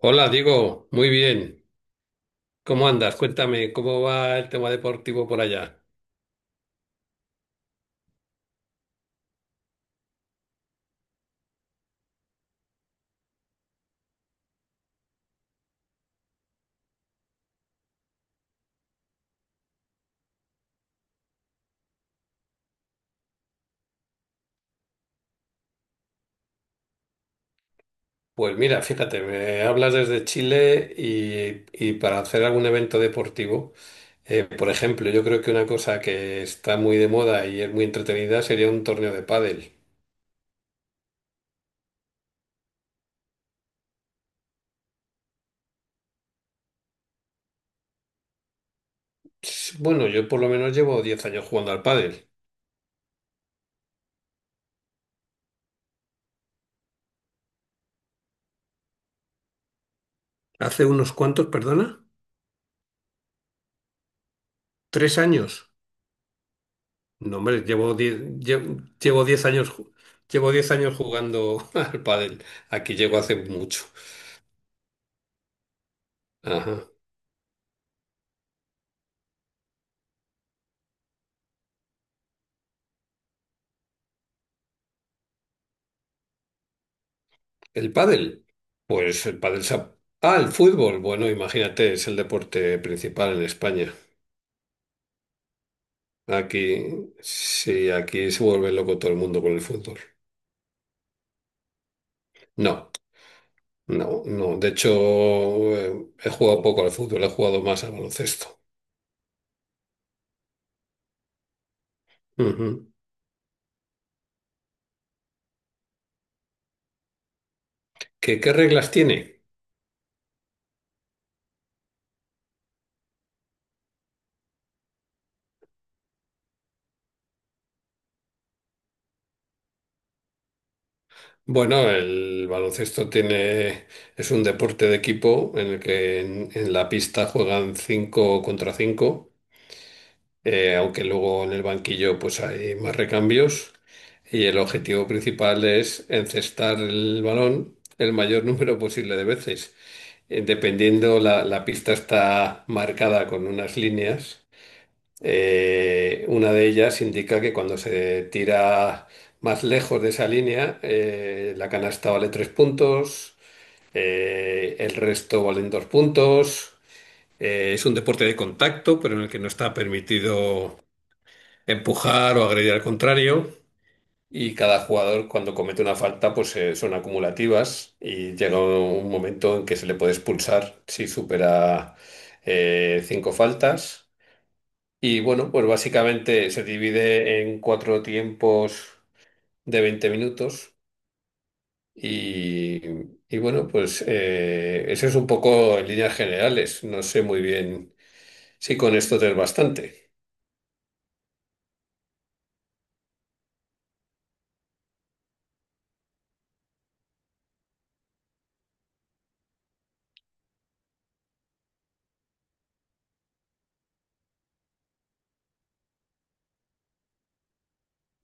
Hola, Diego, muy bien. ¿Cómo andas? Cuéntame, ¿cómo va el tema deportivo por allá? Pues mira, fíjate, me hablas desde Chile y para hacer algún evento deportivo, por ejemplo, yo creo que una cosa que está muy de moda y es muy entretenida sería un torneo de pádel. Bueno, yo por lo menos llevo 10 años jugando al pádel. ¿Hace unos cuantos, perdona? ¿3 años? No, hombre, llevo 10, lle- llevo 10 años, ju- llevo 10 años jugando al pádel. Aquí llego hace mucho. Ajá. El pádel. Pues el pádel se ha- Ah, el fútbol. Bueno, imagínate, es el deporte principal en España. Aquí, sí, aquí se vuelve loco todo el mundo con el fútbol. No, no, no. De hecho, he jugado poco al fútbol, he jugado más al baloncesto. Ujú. ¿Qué reglas tiene? Bueno, es un deporte de equipo en el que en la pista juegan 5 contra 5. Aunque luego en el banquillo pues hay más recambios y el objetivo principal es encestar el balón el mayor número posible de veces. Dependiendo, la pista está marcada con unas líneas. Una de ellas indica que cuando se tira más lejos de esa línea, la canasta vale tres puntos, el resto valen dos puntos. Es un deporte de contacto, pero en el que no está permitido empujar o agredir al contrario. Y cada jugador cuando comete una falta pues son acumulativas y llega un momento en que se le puede expulsar si supera cinco faltas. Y bueno, pues básicamente se divide en cuatro tiempos de 20 minutos y, y bueno, pues eso es un poco en líneas generales. No sé muy bien si con esto te es bastante.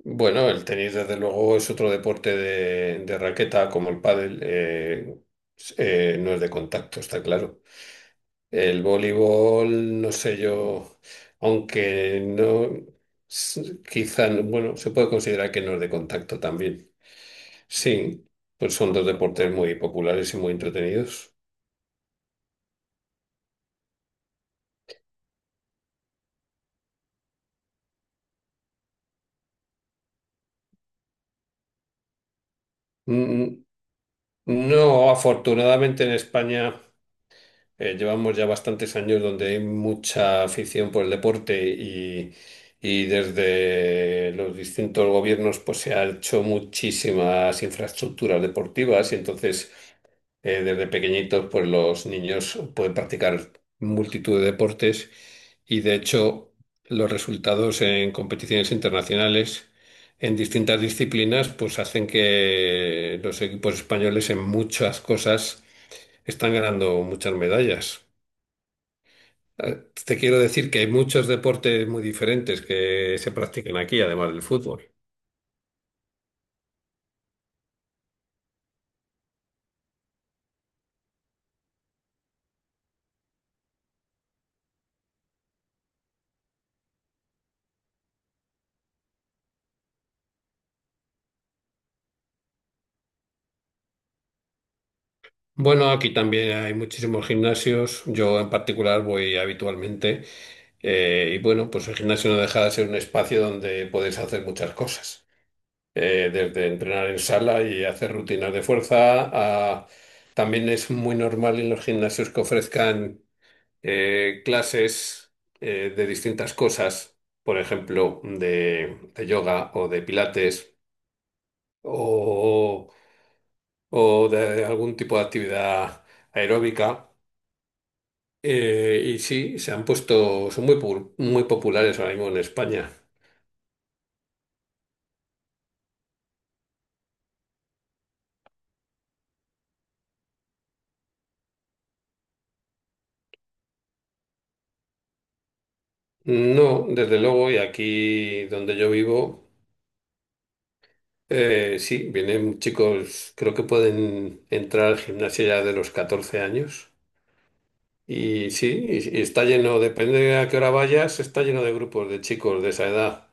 Bueno, el tenis desde luego es otro deporte de raqueta como el pádel, no es de contacto, está claro. El voleibol, no sé yo, aunque no, quizá, bueno, se puede considerar que no es de contacto también. Sí, pues son dos deportes muy populares y muy entretenidos. Mm, mm, No, afortunadamente en España. Llevamos ya bastantes años donde hay mucha afición por el deporte y desde los distintos gobiernos pues se han hecho muchísimas infraestructuras deportivas y entonces desde pequeñitos pues los niños pueden practicar multitud de deportes y de hecho los resultados en competiciones internacionales en distintas disciplinas pues hacen que los equipos españoles en muchas cosas están ganando muchas medallas. Eh, Te quiero decir que hay muchos deportes muy diferentes que se practican aquí, además del fútbol. Bueno, aquí también hay muchísimos gimnasios. Yo en particular voy habitualmente. Y bueno, pues el gimnasio no deja de ser un espacio donde puedes hacer muchas cosas. Desde entrenar en sala y hacer rutinas de fuerza a... También es muy normal en los gimnasios que ofrezcan clases de distintas cosas, por ejemplo, de yoga o de pilates o, o de algún tipo de actividad aeróbica. Y sí, se han puesto, son muy populares ahora mismo en España. No, desde luego, y aquí donde yo vivo, sí, vienen chicos, creo que pueden entrar al gimnasio ya de los 14 años. Y sí, y está lleno, depende de a qué hora vayas, está lleno de grupos de chicos de esa edad.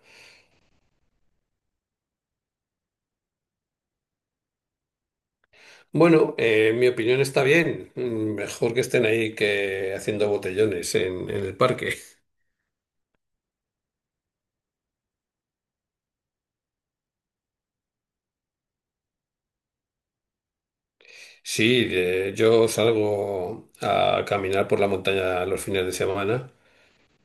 Bueno, en mi opinión está bien. Mejor que estén ahí que haciendo botellones en el parque. Sí, yo salgo a caminar por la montaña los fines de semana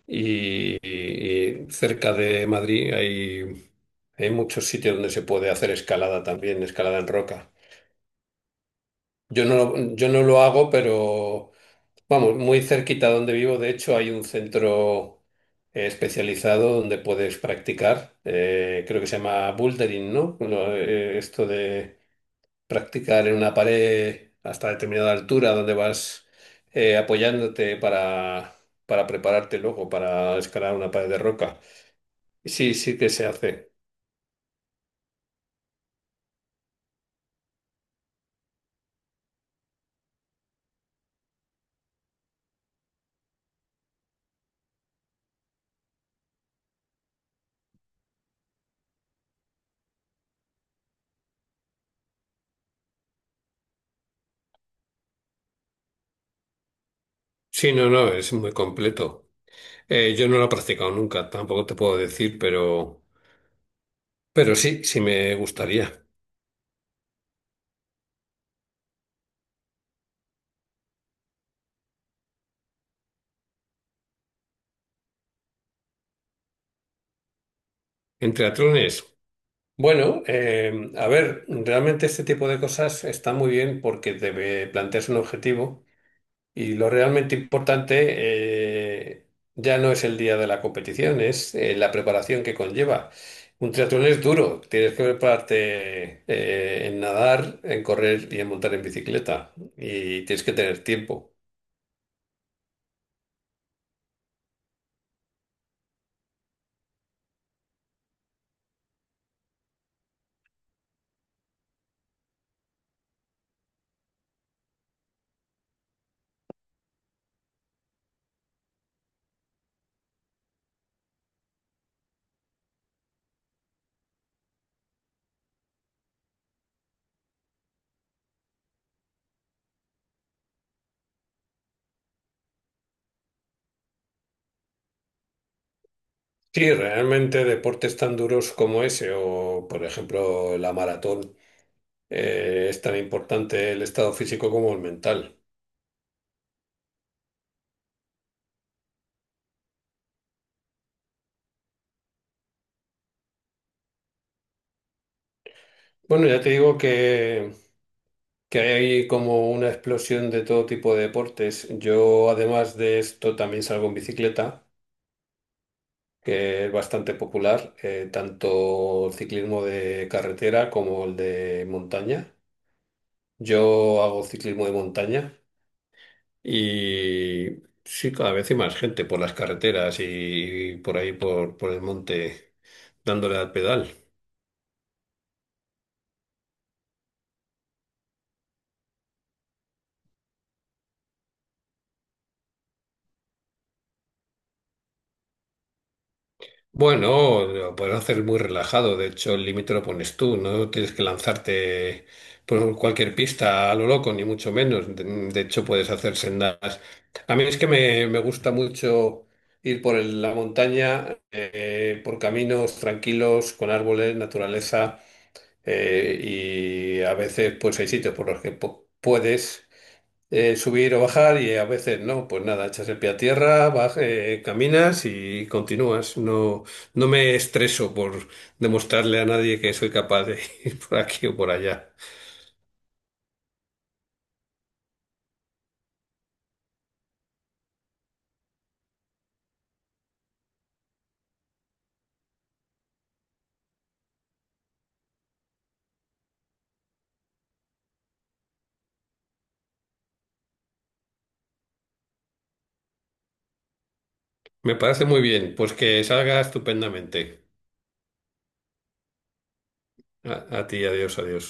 cerca de Madrid hay muchos sitios donde se puede hacer escalada también, escalada en roca. Yo no lo hago, pero... Vamos, muy cerquita donde vivo, de hecho, hay un centro especializado donde puedes practicar. Creo que se llama bouldering, ¿no? Esto de practicar en una pared hasta determinada altura donde vas apoyándote para prepararte luego para escalar una pared de roca. Sí, sí que se hace. Sí, no, no, es muy completo. Yo no lo he practicado nunca, tampoco te puedo decir, pero, sí, sí me gustaría. ¿En triatlones? Bueno, a ver, realmente este tipo de cosas está muy bien porque debe plantearse un objetivo y lo realmente importante eh, ya no es el día de la competición, es la preparación que conlleva. Un triatlón es duro, tienes que prepararte en nadar, en correr y en montar en bicicleta y tienes que tener tiempo. Sí, realmente deportes tan duros como ese o, por ejemplo, la maratón, es tan importante el estado físico como el mental. Bueno, ya te digo que hay como una explosión de todo tipo de deportes. Yo, además de esto, también salgo en bicicleta, que es bastante popular, tanto ciclismo de carretera como el de montaña. Yo hago ciclismo de montaña y sí, cada vez hay más gente por las carreteras y por ahí, por el monte, dándole al pedal. Bueno, lo puedes hacer muy relajado. De hecho, el límite lo pones tú. No tienes que lanzarte por cualquier pista a lo loco, ni mucho menos. De hecho, puedes hacer sendas. A mí es que me gusta mucho ir por la montaña, por caminos tranquilos, con árboles, naturaleza, y a veces, pues hay sitios por los que puedes subir o bajar y a veces no, pues nada, echas el pie a tierra, caminas y continúas. No, no me estreso por demostrarle a nadie que soy capaz de ir por aquí o por allá. Me parece muy bien, pues que salga estupendamente. A ti, adiós, adiós.